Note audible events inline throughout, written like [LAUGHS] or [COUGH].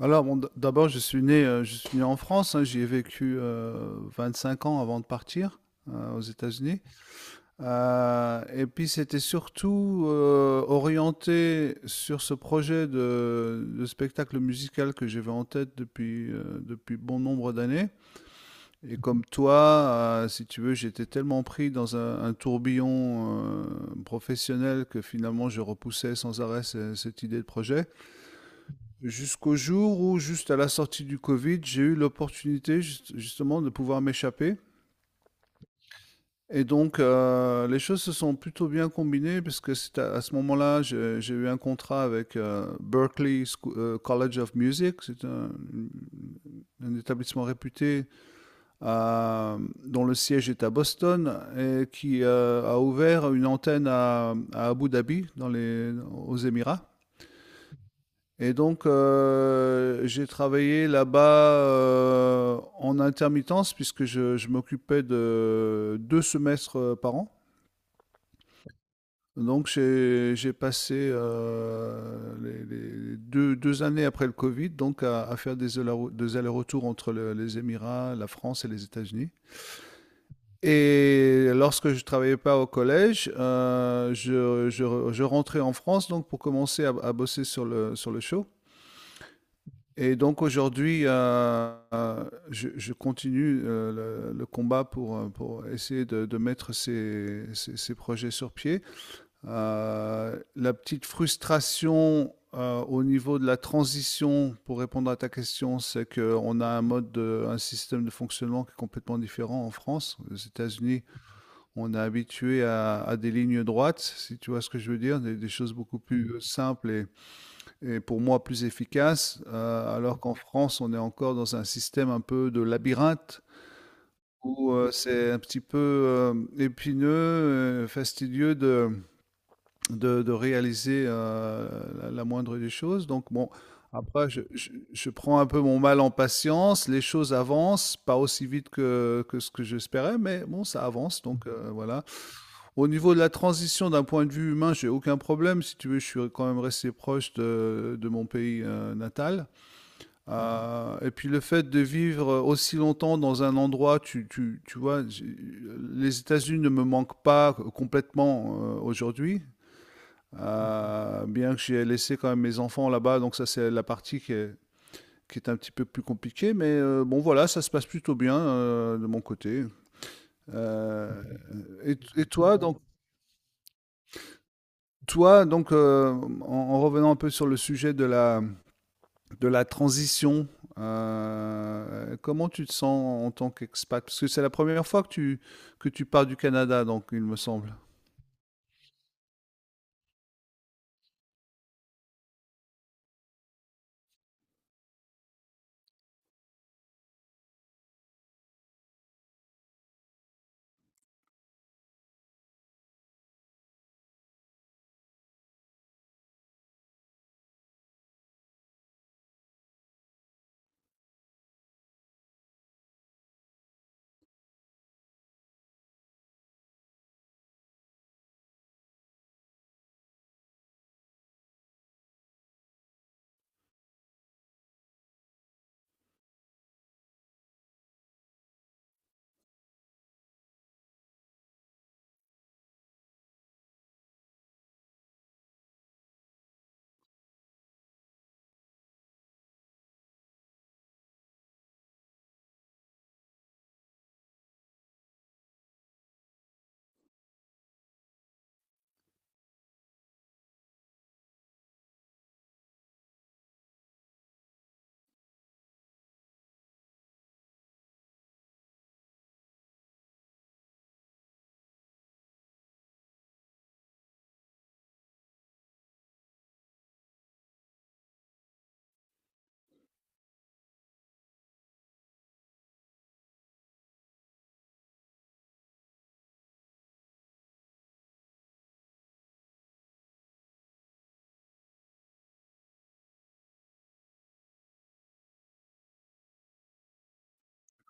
Alors, bon, d'abord, je suis né en France, hein, j'y ai vécu 25 ans avant de partir aux États-Unis. Et puis, c'était surtout orienté sur ce projet de spectacle musical que j'avais en tête depuis bon nombre d'années. Et comme toi, si tu veux, j'étais tellement pris dans un tourbillon professionnel que finalement, je repoussais sans arrêt cette idée de projet. Jusqu'au jour où, juste à la sortie du Covid, j'ai eu l'opportunité justement de pouvoir m'échapper. Donc les choses se sont plutôt bien combinées parce que c'est à ce moment-là, j'ai eu un contrat avec College of Music. C'est un établissement réputé euh, dont le siège est à Boston et qui a ouvert une antenne à Abu Dhabi, aux Émirats. Et donc, j'ai travaillé là-bas en intermittence puisque je m'occupais de deux semestres par an. Donc, j'ai passé les deux années après le Covid donc à faire des allers-retours entre les Émirats, la France et les États-Unis. Et lorsque je travaillais pas au collège, je rentrais en France donc pour commencer à bosser sur sur le show. Et donc aujourd'hui, je continue le combat pour essayer de mettre ces projets sur pied. La petite frustration au niveau de la transition, pour répondre à ta question, c'est qu'on a un un système de fonctionnement qui est complètement différent en France. Aux États-Unis, on est habitué à des lignes droites, si tu vois ce que je veux dire, des choses beaucoup plus simples et pour moi plus efficace, alors qu'en France, on est encore dans un système un peu de labyrinthe où c'est un petit peu épineux, fastidieux de réaliser la moindre des choses. Donc bon, après, je prends un peu mon mal en patience, les choses avancent, pas aussi vite que ce que j'espérais, mais bon, ça avance, donc voilà. Au niveau de la transition d'un point de vue humain, j'ai aucun problème. Si tu veux, je suis quand même resté proche de mon pays natal. Et puis le fait de vivre aussi longtemps dans un endroit, tu vois, les États-Unis ne me manquent pas complètement aujourd'hui. Bien que j'ai laissé quand même mes enfants là-bas, donc ça c'est la partie qui est un petit peu plus compliquée, mais bon voilà, ça se passe plutôt bien de mon côté. Euh, et toi, donc en revenant un peu sur le sujet de la transition. Comment tu te sens en tant qu'expat? Parce que c'est la première fois que tu pars du Canada, donc il me semble.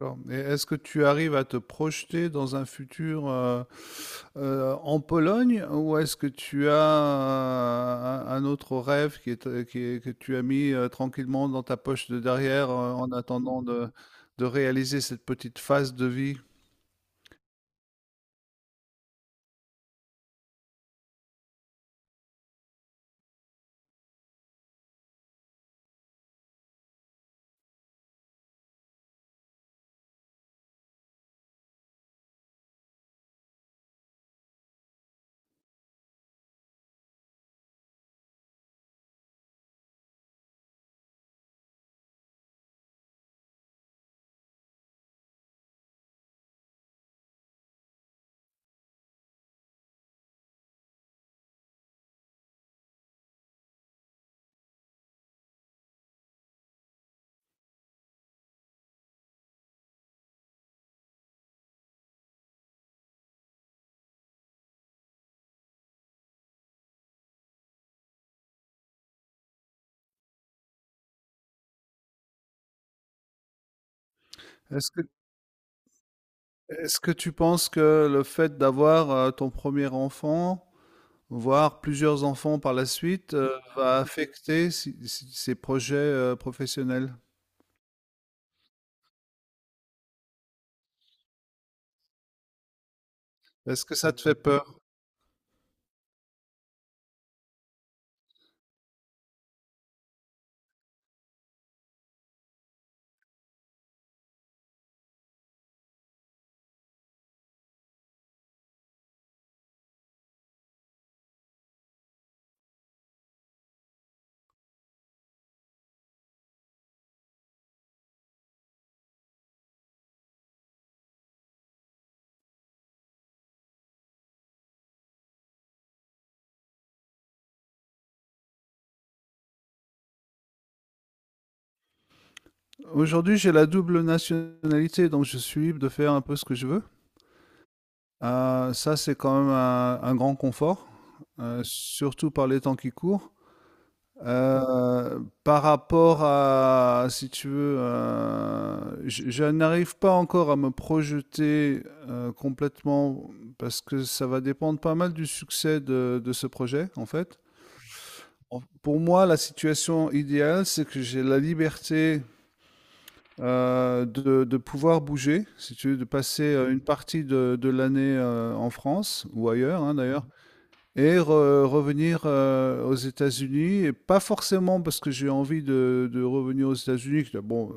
D'accord. Et est-ce que tu arrives à te projeter dans un futur en Pologne, ou est-ce que tu as un autre rêve qui est, que tu as mis tranquillement dans ta poche de derrière en attendant de réaliser cette petite phase de vie? Est-ce que, est-ce que tu penses que le fait d'avoir ton premier enfant, voir plusieurs enfants par la suite, va affecter si ses projets, professionnels. Est-ce que ça te fait peur? Aujourd'hui, j'ai la double nationalité, donc je suis libre de faire un peu ce que je veux. Ça, c'est quand même un grand confort, surtout par les temps qui courent. Euh, par rapport à, si tu veux, je n'arrive pas encore à me projeter complètement parce que ça va dépendre pas mal du succès de ce projet, en fait. Pour moi, la situation idéale, c'est que j'ai la liberté de pouvoir bouger, si tu veux, de passer une partie de l'année en France ou ailleurs, hein, d'ailleurs, et revenir aux États-Unis, et pas forcément parce que j'ai envie de revenir aux États-Unis. Bon,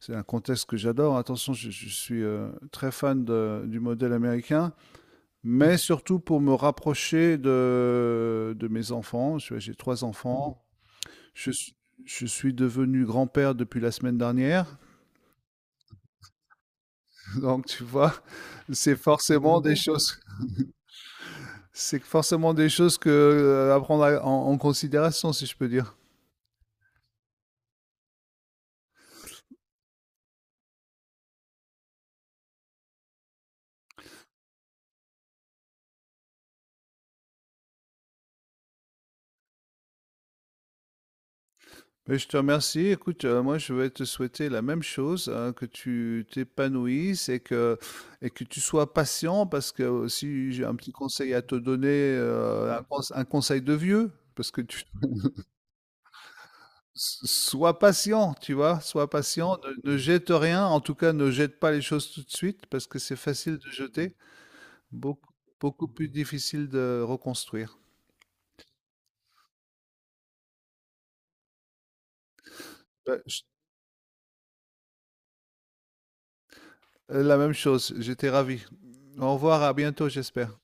c'est un contexte que j'adore. Attention, je suis très fan du modèle américain, mais surtout pour me rapprocher de mes enfants. J'ai trois enfants. Je, suis- je suis devenu grand-père depuis la semaine dernière, [LAUGHS] donc tu vois, c'est forcément des choses. C'est forcément des choses que à prendre en considération, si je peux dire. Mais je te remercie. Écoute, moi, je vais te souhaiter la même chose, hein, que tu t'épanouisses et que tu sois patient, parce que si j'ai un petit conseil à te donner, un conseil de vieux, parce que tu sois patient, tu vois, sois patient, ne jette rien, en tout cas, ne jette pas les choses tout de suite, parce que c'est facile de jeter, beaucoup, beaucoup plus difficile de reconstruire. Ben, je- la même chose, j'étais ravi. Au revoir, à bientôt, j'espère.